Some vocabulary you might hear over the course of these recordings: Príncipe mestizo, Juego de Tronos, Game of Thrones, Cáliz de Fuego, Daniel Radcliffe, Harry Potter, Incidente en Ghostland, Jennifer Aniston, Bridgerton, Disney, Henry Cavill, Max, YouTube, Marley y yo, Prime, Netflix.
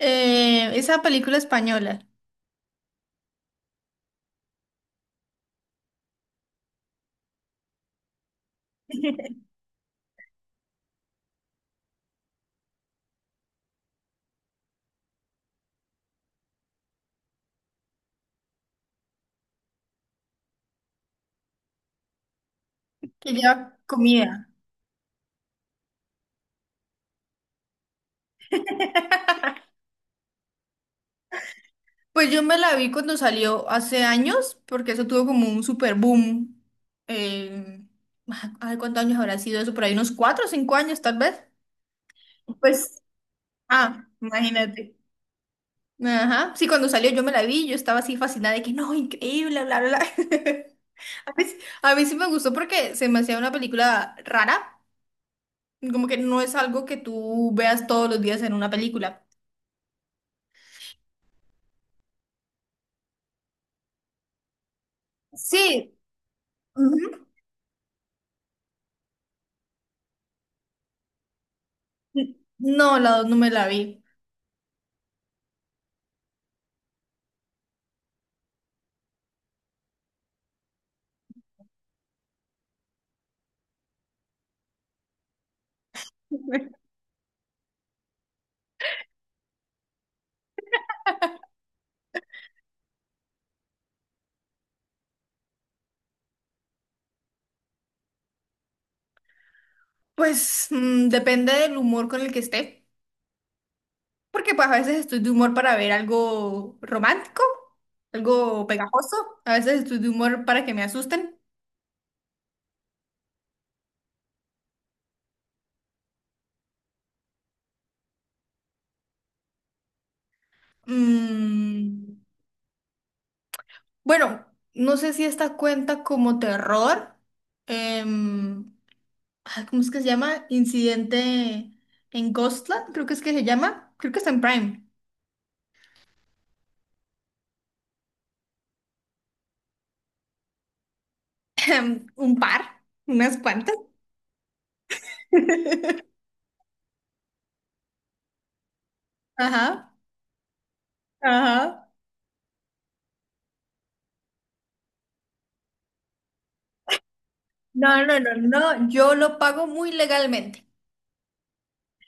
Esa película española que lleva comida. Pues yo me la vi cuando salió hace años, porque eso tuvo como un super boom. Eh, Ay, ¿cuántos años habrá sido eso? Por ahí unos 4 o 5 años tal vez. Pues, ah, imagínate. Ajá. Sí, cuando salió yo me la vi, yo estaba así fascinada de que no, increíble, bla, bla, bla. A mí sí me gustó porque se me hacía una película rara, como que no es algo que tú veas todos los días en una película. Sí. Ujú. No, la dos no me la vi. Pues depende del humor con el que esté, porque pues a veces estoy de humor para ver algo romántico, algo pegajoso, a veces estoy de humor para que me asusten. Mm, bueno, no sé si esta cuenta como terror. em, Ay, ¿cómo es que se llama? Incidente en Ghostland, creo que es que se llama, creo que está en Prime. Un par, unas cuantas. Ajá, ajá. No, no, no, no, yo lo pago muy legalmente.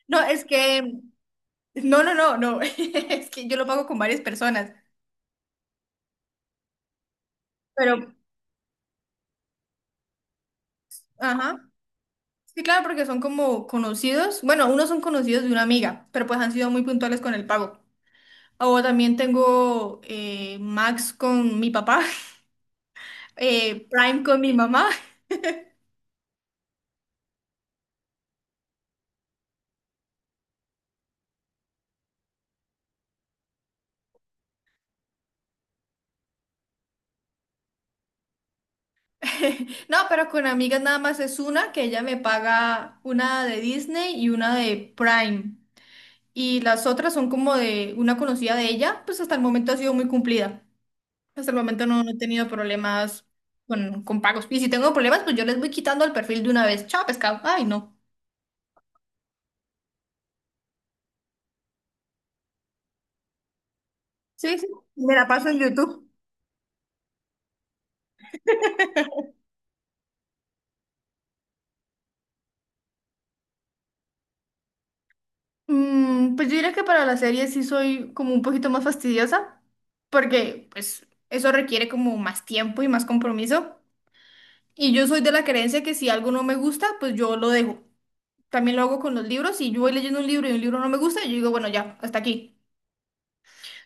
No, es que, no, no, no, no, es que yo lo pago con varias personas, pero, ajá, sí, claro, porque son como conocidos, bueno, unos son conocidos de una amiga, pero pues han sido muy puntuales con el pago. O también tengo Max con mi papá, Prime con mi mamá, no, pero con amigas nada más es una que ella me paga una de Disney y una de Prime. Y las otras son como de una conocida de ella, pues hasta el momento ha sido muy cumplida. Hasta el momento no, no he tenido problemas con pagos. Y si tengo problemas, pues yo les voy quitando el perfil de una vez. Chao, pescado. Ay, no. Sí, sí, me la paso en YouTube. Pues yo diría que para las series sí soy como un poquito más fastidiosa, porque pues eso requiere como más tiempo y más compromiso. Y yo soy de la creencia que si algo no me gusta, pues yo lo dejo. También lo hago con los libros. Si yo voy leyendo un libro y un libro no me gusta, yo digo, bueno, ya, hasta aquí.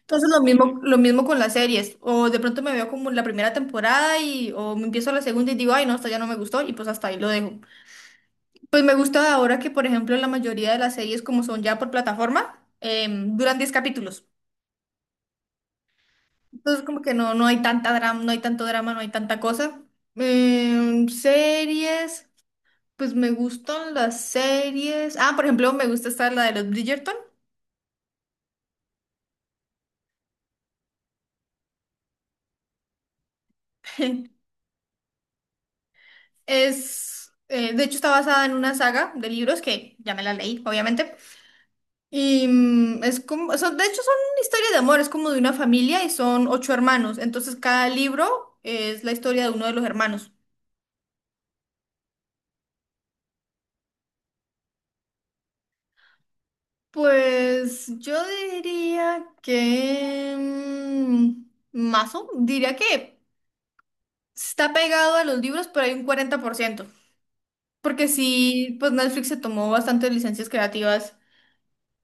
Entonces lo mismo con las series. O de pronto me veo como la primera temporada y o me empiezo la segunda y digo, ay, no, esta ya no me gustó y pues hasta ahí lo dejo. Pues me gusta ahora que, por ejemplo, la mayoría de las series como son ya por plataforma, duran 10 capítulos. Entonces como que no, no hay tanta drama, no hay tanto drama, no hay tanta cosa. Series, pues me gustan las series. Ah, por ejemplo, me gusta esta, la de los Bridgerton. Es, de hecho, está basada en una saga de libros que ya me la leí, obviamente. Y es como, de hecho son una historia de amor, es como de una familia y son ocho hermanos. Entonces cada libro es la historia de uno de los hermanos. Pues yo diría que, Mazo, diría que está pegado a los libros, pero hay un 40%. Porque sí, pues Netflix se tomó bastantes licencias creativas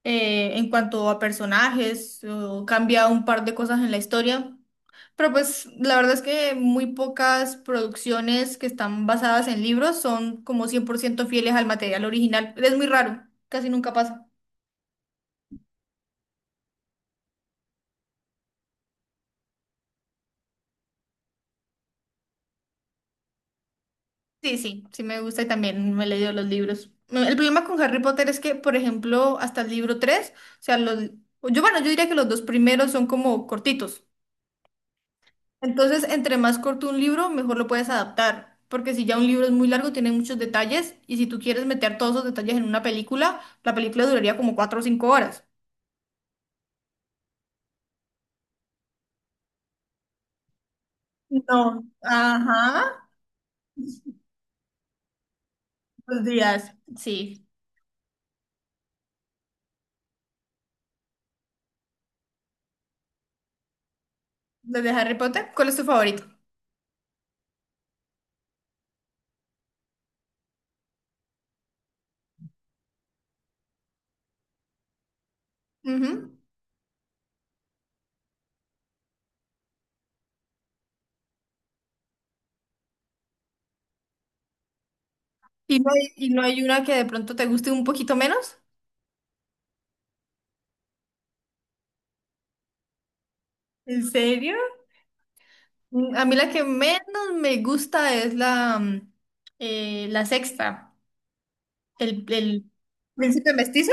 en cuanto a personajes, o cambia un par de cosas en la historia. Pero pues la verdad es que muy pocas producciones que están basadas en libros son como 100% fieles al material original. Es muy raro, casi nunca pasa. Sí, sí, sí me gusta y también me he leído los libros. El problema con Harry Potter es que, por ejemplo, hasta el libro tres, o sea, los, yo, bueno, yo diría que los dos primeros son como cortitos. Entonces, entre más corto un libro, mejor lo puedes adaptar, porque si ya un libro es muy largo, tiene muchos detalles y si tú quieres meter todos esos detalles en una película, la película duraría como 4 o 5 horas. No, ajá, los días. Sí, los. ¿De Harry Potter? ¿Cuál es tu favorito? Ujú. Y no hay una que de pronto te guste un poquito menos? ¿En serio? A mí la que menos me gusta es la sexta. El... ¿Príncipe mestizo?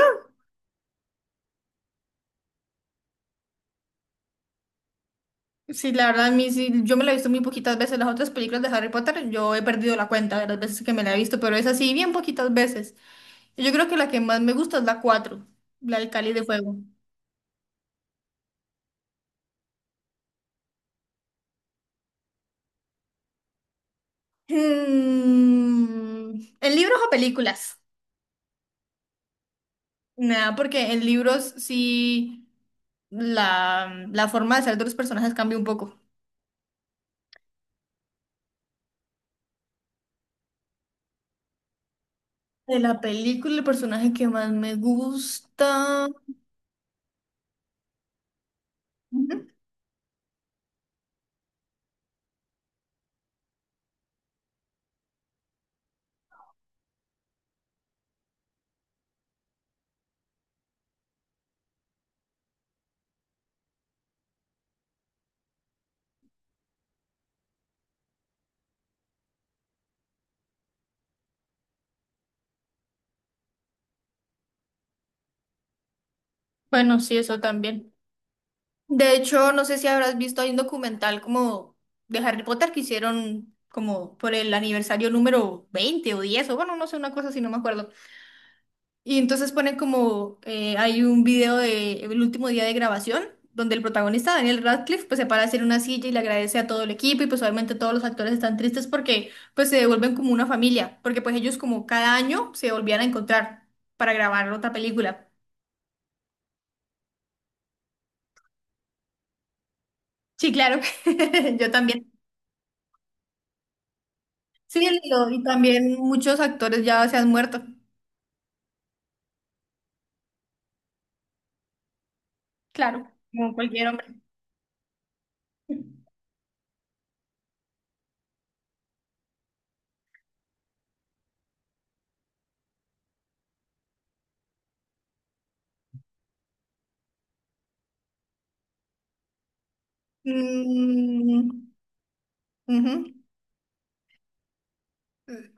Sí, la verdad, a mí sí, yo me la he visto muy poquitas veces. Las otras películas de Harry Potter, yo he perdido la cuenta de las veces que me la he visto, pero es así, bien poquitas veces. Yo creo que la que más me gusta es la cuatro, la del Cáliz de Fuego. ¿En libros o películas? Nada, porque en libros sí la forma de ser de los personajes cambia un poco. De la película, el personaje que más me gusta. Ujú. Bueno, sí, eso también. De hecho, no sé si habrás visto, hay un documental como de Harry Potter que hicieron como por el aniversario número 20 o 10 o, bueno, no sé, una cosa así, no me acuerdo. Y entonces ponen como, hay un video de el último día de grabación, donde el protagonista, Daniel Radcliffe, pues se para a hacer una silla y le agradece a todo el equipo y pues obviamente todos los actores están tristes porque pues se devuelven como una familia, porque pues ellos como cada año se volvían a encontrar para grabar otra película. Sí, claro, yo también. Sí, y también muchos actores ya se han muerto, claro, como cualquier hombre. Mm, ujú.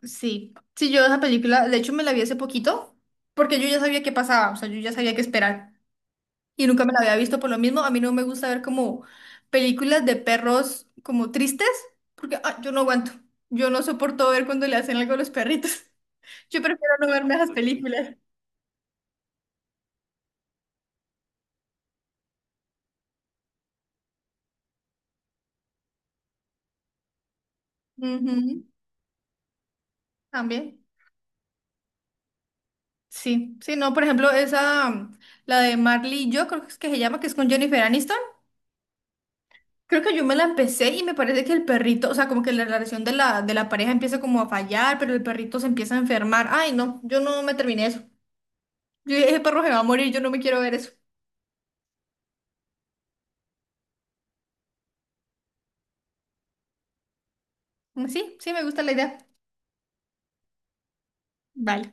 Sí, sí, yo esa película, de hecho me la vi hace poquito, porque yo ya sabía qué pasaba, o sea, yo ya sabía qué esperar. Y nunca me la había visto por lo mismo. A mí no me gusta ver como películas de perros como tristes, porque ah, yo no aguanto. Yo no soporto ver cuando le hacen algo a los perritos. Yo prefiero no verme esas películas. Ujú, también. Sí, sí, no, por ejemplo, esa, la de Marley y yo, creo que es que se llama, que es con Jennifer Aniston. Creo que yo me la empecé y me parece que el perrito, o sea, como que la relación de de la pareja empieza como a fallar, pero el perrito se empieza a enfermar. Ay, no, yo no me terminé eso. Yo dije, ese perro se va a morir, yo no me quiero ver eso. Sí, sí, me gusta la idea. Vale.